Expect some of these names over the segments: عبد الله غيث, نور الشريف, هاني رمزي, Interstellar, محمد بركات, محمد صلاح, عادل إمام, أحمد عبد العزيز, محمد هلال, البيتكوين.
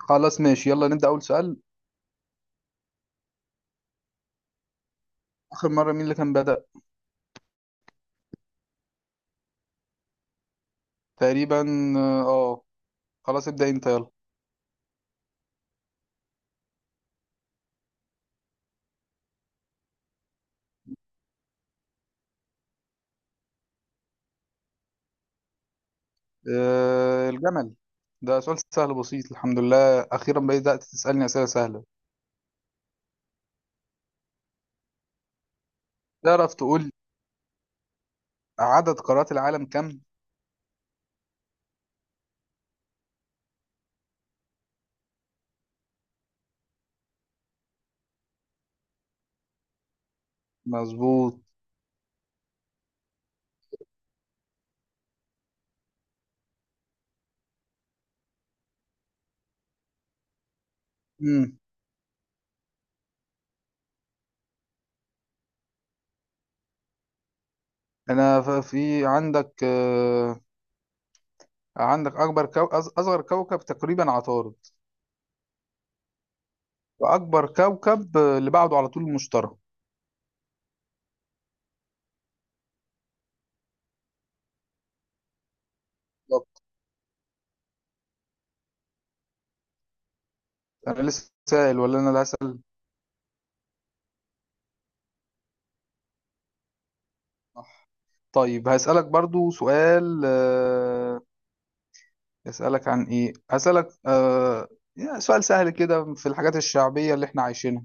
خلاص ماشي، يلا نبدأ أول سؤال. آخر مرة مين اللي كان بدأ؟ تقريبا. اه آه. خلاص ابدأ أنت يلا. آه، الجمل. ده سؤال سهل بسيط، الحمد لله أخيرا بدأت تسألني أسئلة سهلة. تعرف تقول عدد قارات العالم كم؟ مظبوط. مم. أنا في عندك عندك أصغر كوكب تقريبا عطارد، وأكبر كوكب اللي بعده على طول المشتري. بالظبط. أنا لسه سائل ولا أنا اللي هسأل؟ طيب هسألك برضو سؤال، أسألك عن إيه؟ أسألك يعني سؤال سهل كده في الحاجات الشعبية اللي إحنا عايشينها.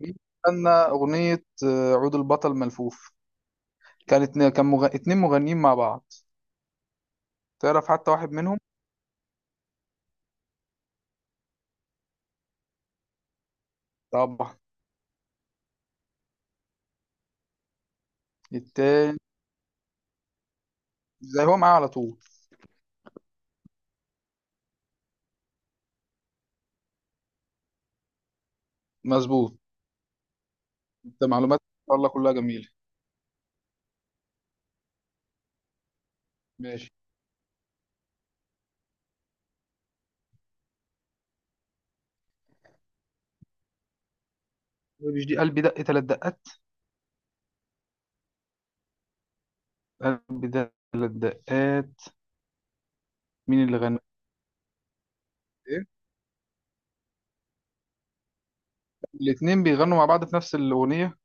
مين غنى أغنية عود البطل ملفوف؟ اتنين مغنيين مع بعض، تعرف حتى واحد منهم؟ طبعا. التاني زي هو معاه على طول. مظبوط. أنت معلومات الله كلها جميلة. ماشي. مش دي قلبي دق تلات دقات؟ قلبي دق تلات دقات. مين اللي غنى؟ إيه؟ الاتنين بيغنوا مع بعض في نفس الأغنية.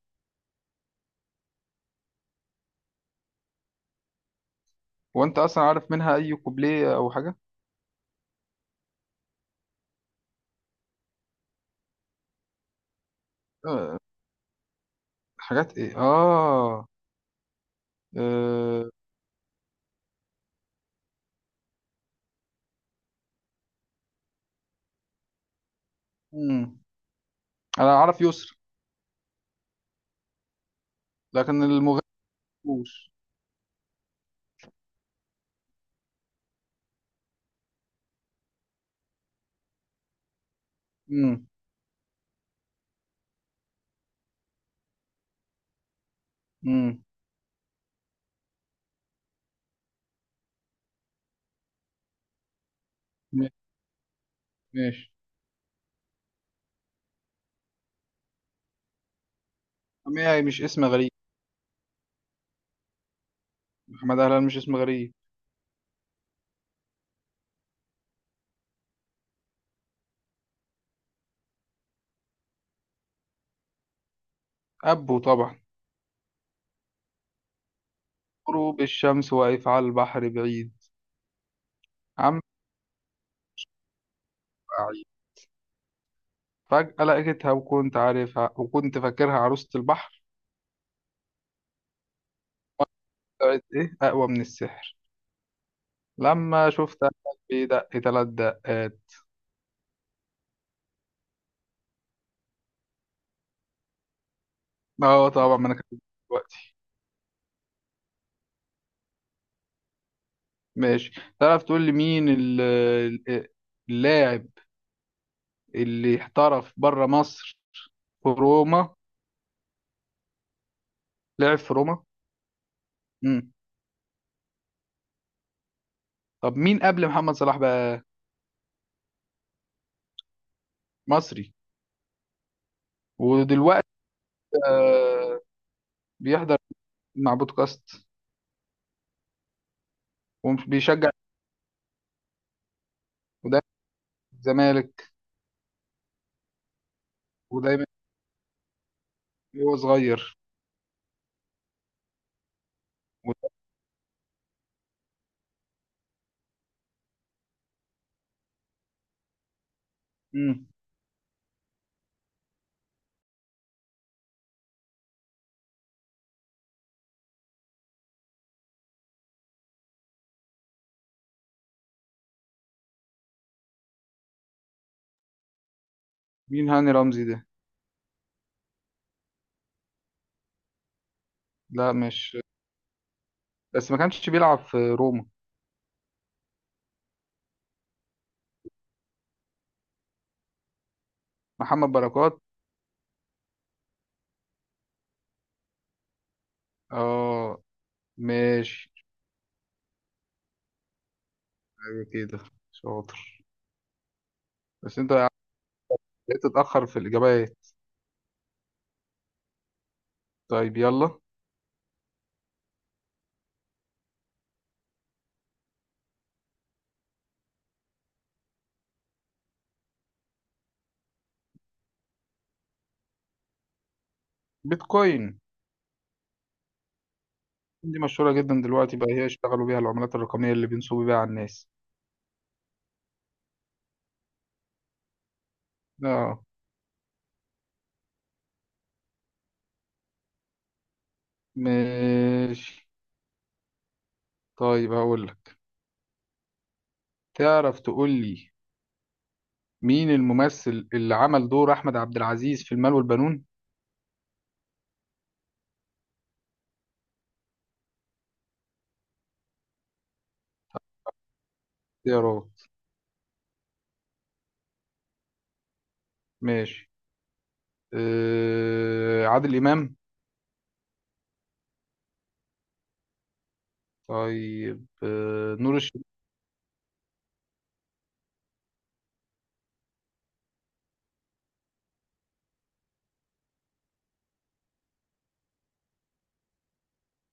وأنت أصلا عارف منها أي كوبليه أو حاجة؟ آه. حاجات ايه اه. آه. مم. انا اعرف يسر، لكن المغني مش. امم امم ماشي. حماية مش اسم غريب. محمد هلال مش اسم غريب. ابو طبعا. غروب الشمس واقف على البحر بعيد. عم بعيد. فجأة لقيتها وكنت عارفها وكنت فاكرها عروسة البحر، طلعت ايه اقوى من السحر، لما شفتها قلبي دق تلات دقات. اه طبعا ما انا كنت دلوقتي. ماشي. تعرف تقول لي مين ال- اللاعب اللي احترف بره مصر، في روما؟ لعب في روما. امم. طب مين قبل محمد صلاح بقى؟ مصري. ودلوقتي آه بيحضر مع بودكاست، وبيشجع، وده الزمالك، ودايما هو صغير. وده- مم. مين هاني رمزي ده؟ لا مش، بس ما كانش بيلعب في روما. محمد بركات. اه. ماشي، ايوه كده، شاطر. بس انت بقيت تتأخر في الإجابات. طيب يلا. بيتكوين. دي مشهورة جدا دلوقتي بقى، هي يشتغلوا بيها العملات الرقمية اللي بينصبوا بيها على الناس. اه. ماشي. طيب هقول لك، تعرف تقول لي مين الممثل اللي عمل دور أحمد عبد العزيز في المال والبنون؟ اختيارات ماشي. آه عادل إمام؟ طيب آه نور الشريف؟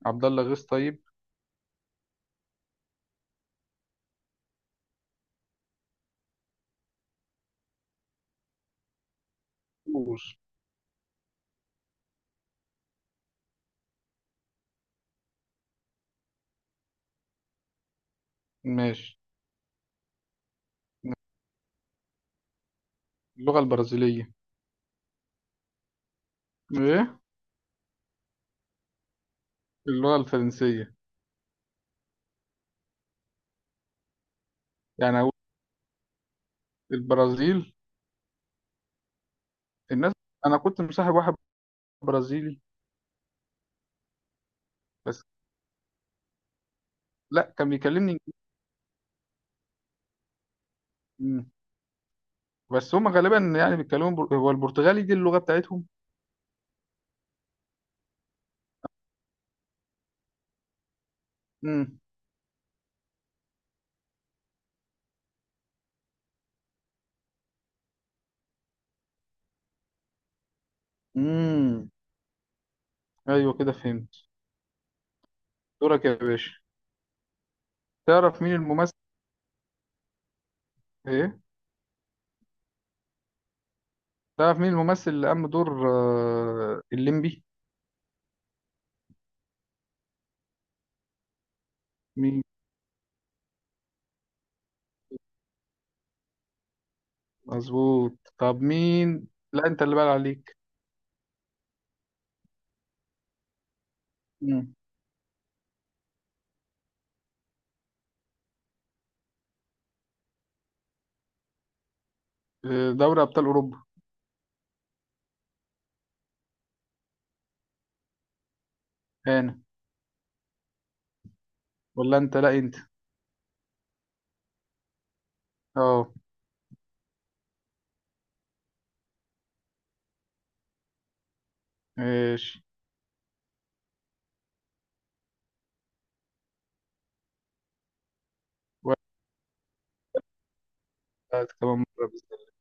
عبد الله غيث طيب؟ نور. ماشي. اللغة البرازيلية. ايه؟ اللغة الفرنسية. يعني هقول البرازيل الناس. أنا كنت مصاحب واحد برازيلي بس. لا كان بيكلمني. مم. بس هم غالبا يعني هو البرتغالي دي اللغة بتاعتهم. امم. امم، ايوه كده فهمت. دورك يا باشا. تعرف مين الممثل؟ ايه؟ تعرف مين الممثل اللي قام بدور الليمبي؟ مين؟ مظبوط. طب مين؟ لا انت اللي بقى عليك. امم. آه، دوري ابطال اوروبا. انا ولا انت؟ لا انت. اه. ماشي. واحد كمان مرة بس.